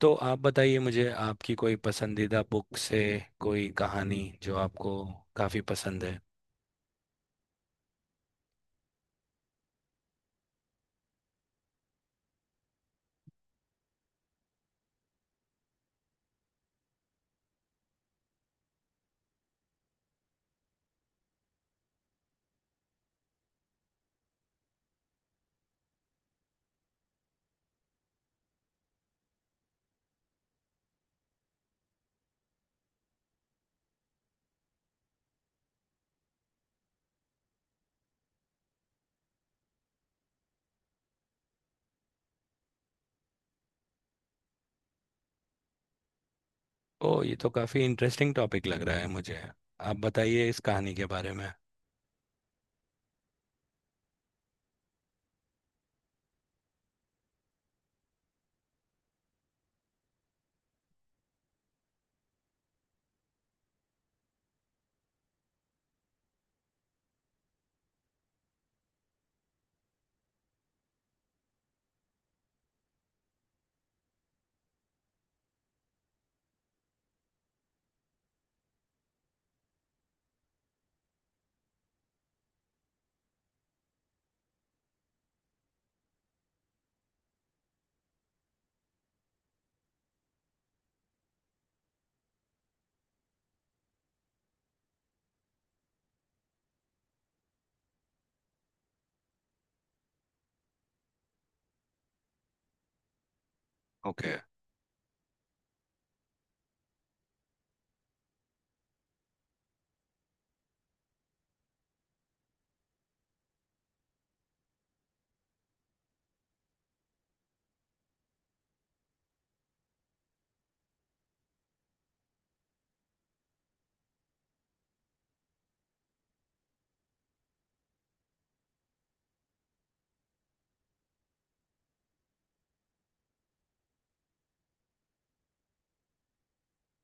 तो आप बताइए मुझे आपकी कोई पसंदीदा बुक से कोई कहानी जो आपको काफ़ी पसंद है। ओ ये तो काफ़ी इंटरेस्टिंग टॉपिक लग रहा है मुझे। आप बताइए इस कहानी के बारे में। ओके।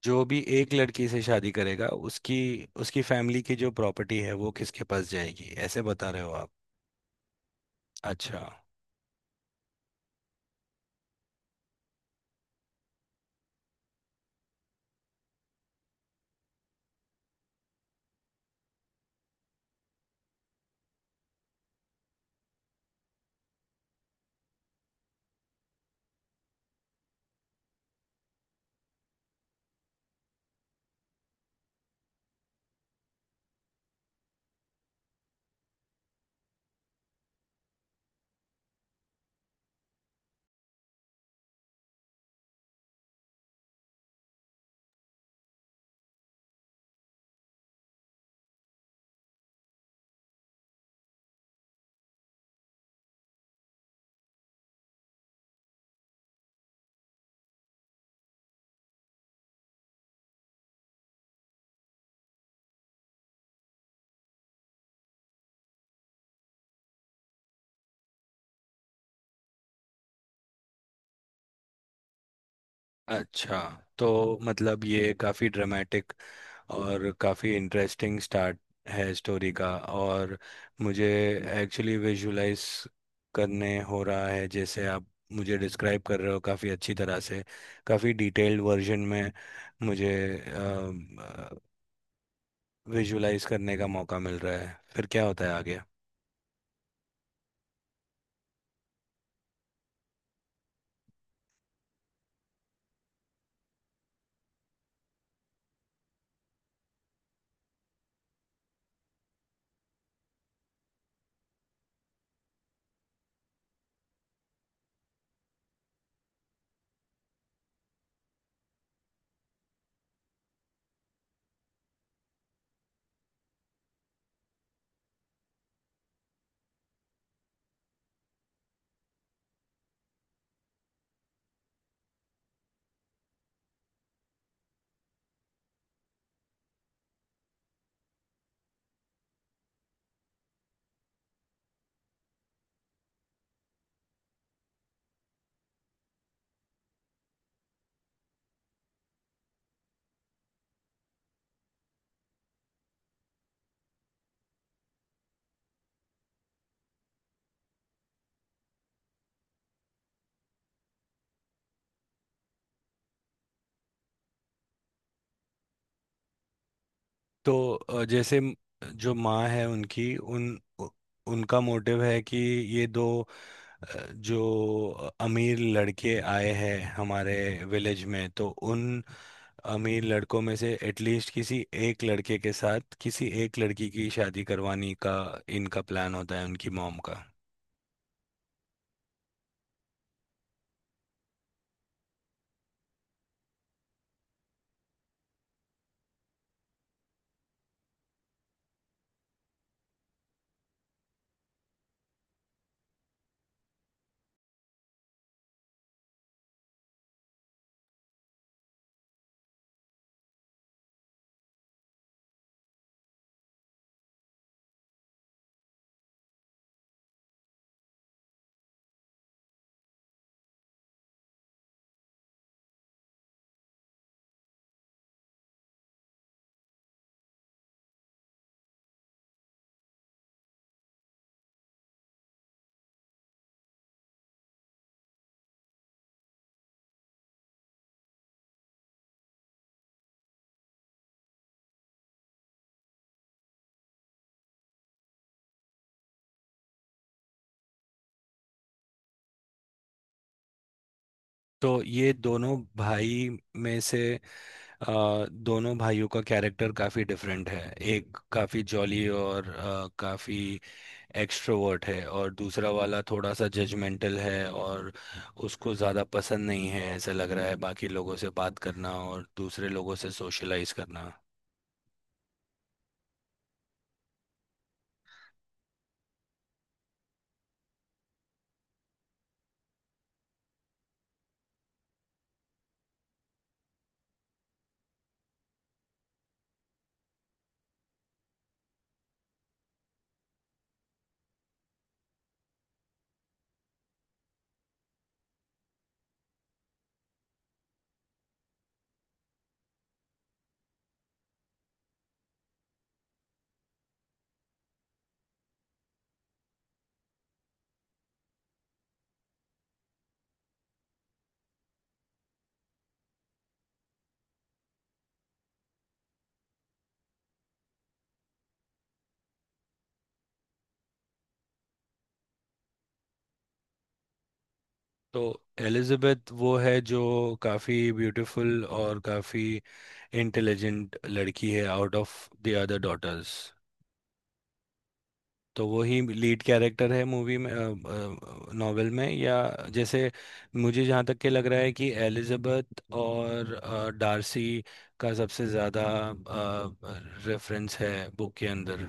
जो भी एक लड़की से शादी करेगा उसकी उसकी फैमिली की जो प्रॉपर्टी है वो किसके पास जाएगी ऐसे बता रहे हो आप। अच्छा। अच्छा तो मतलब ये काफ़ी ड्रामेटिक और काफ़ी इंटरेस्टिंग स्टार्ट है स्टोरी का, और मुझे एक्चुअली विजुलाइज करने हो रहा है जैसे आप मुझे डिस्क्राइब कर रहे हो काफ़ी अच्छी तरह से, काफ़ी डिटेल्ड वर्जन में मुझे विजुलाइज करने का मौका मिल रहा है। फिर क्या होता है आगे। तो जैसे जो माँ है उनकी उ- उनका मोटिव है कि ये दो जो अमीर लड़के आए हैं हमारे विलेज में तो उन अमीर लड़कों में से एटलीस्ट किसी एक लड़के के साथ किसी एक लड़की की शादी करवाने का इनका प्लान होता है उनकी मॉम का। तो ये दोनों भाई में से दोनों भाइयों का कैरेक्टर काफ़ी डिफरेंट है। एक काफ़ी जॉली और काफ़ी एक्सट्रोवर्ट है, और दूसरा वाला थोड़ा सा जजमेंटल है और उसको ज़्यादा पसंद नहीं है ऐसा लग रहा है बाकी लोगों से बात करना और दूसरे लोगों से सोशलाइज करना। तो एलिजाबेथ वो है जो काफ़ी ब्यूटीफुल और काफ़ी इंटेलिजेंट लड़की है out of the other daughters. तो वो ही लीड कैरेक्टर है मूवी में, नॉवेल में, या जैसे मुझे जहाँ तक के लग रहा है कि एलिजाबेथ और डार्सी का सबसे ज़्यादा रेफरेंस है बुक के अंदर।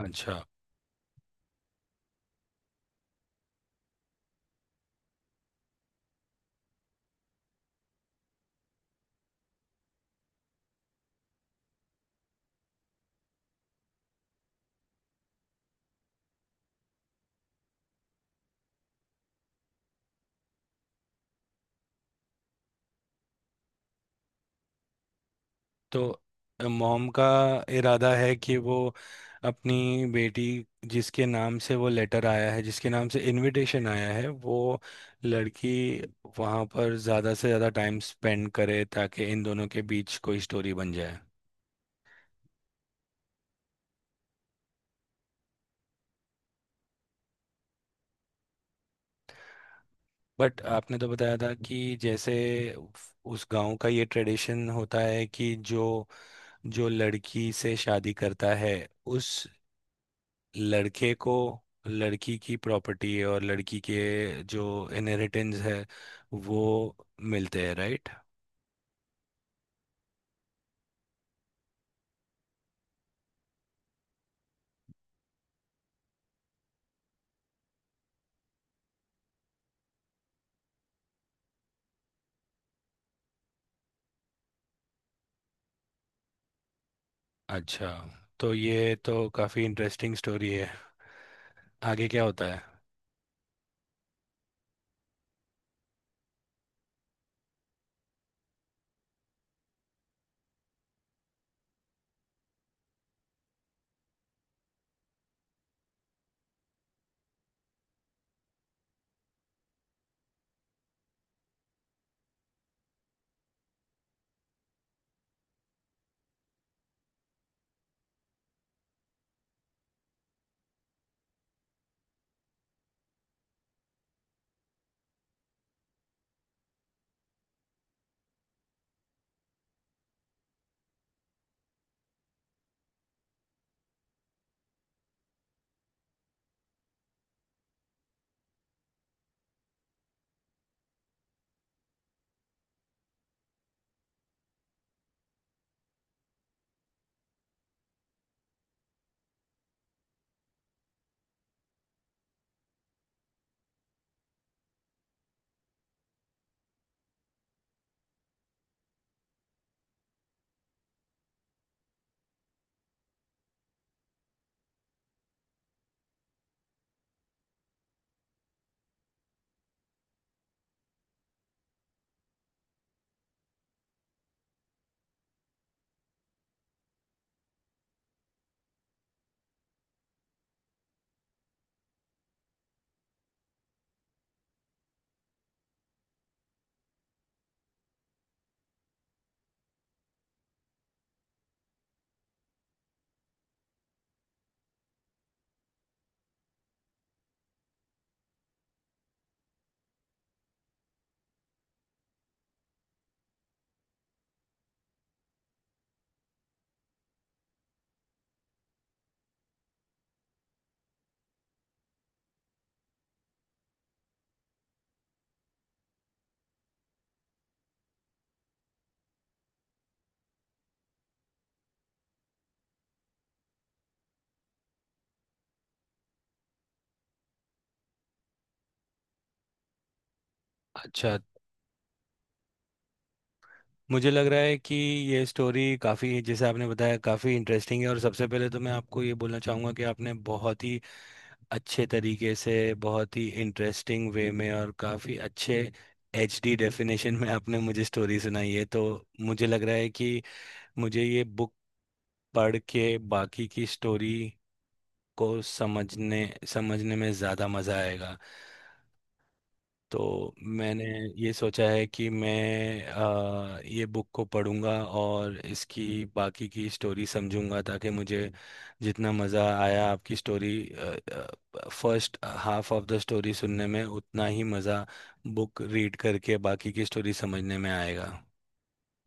अच्छा। तो मॉम का इरादा है कि वो अपनी बेटी जिसके नाम से वो लेटर आया है, जिसके नाम से इनविटेशन आया है, वो लड़की वहाँ पर ज़्यादा से ज़्यादा टाइम स्पेंड करे ताकि इन दोनों के बीच कोई स्टोरी बन जाए। बट आपने तो बताया था कि जैसे उस गांव का ये ट्रेडिशन होता है कि जो जो लड़की से शादी करता है उस लड़के को लड़की की प्रॉपर्टी और लड़की के जो इनहेरिटेंस है वो मिलते हैं, राइट। अच्छा, तो ये तो काफ़ी इंटरेस्टिंग स्टोरी है। आगे क्या होता है। अच्छा, मुझे लग रहा है कि ये स्टोरी काफ़ी, जैसे आपने बताया, काफ़ी इंटरेस्टिंग है, और सबसे पहले तो मैं आपको ये बोलना चाहूँगा कि आपने बहुत ही अच्छे तरीके से, बहुत ही इंटरेस्टिंग वे में, और काफ़ी अच्छे HD डेफिनेशन में आपने मुझे स्टोरी सुनाई है। तो मुझे लग रहा है कि मुझे ये बुक पढ़ के बाकी की स्टोरी को समझने समझने में ज़्यादा मज़ा आएगा। तो मैंने ये सोचा है कि मैं ये बुक को पढ़ूंगा और इसकी बाकी की स्टोरी समझूंगा ताकि मुझे जितना मज़ा आया आपकी story first half of the story सुनने में उतना ही मज़ा बुक रीड करके बाकी की स्टोरी समझने में आएगा।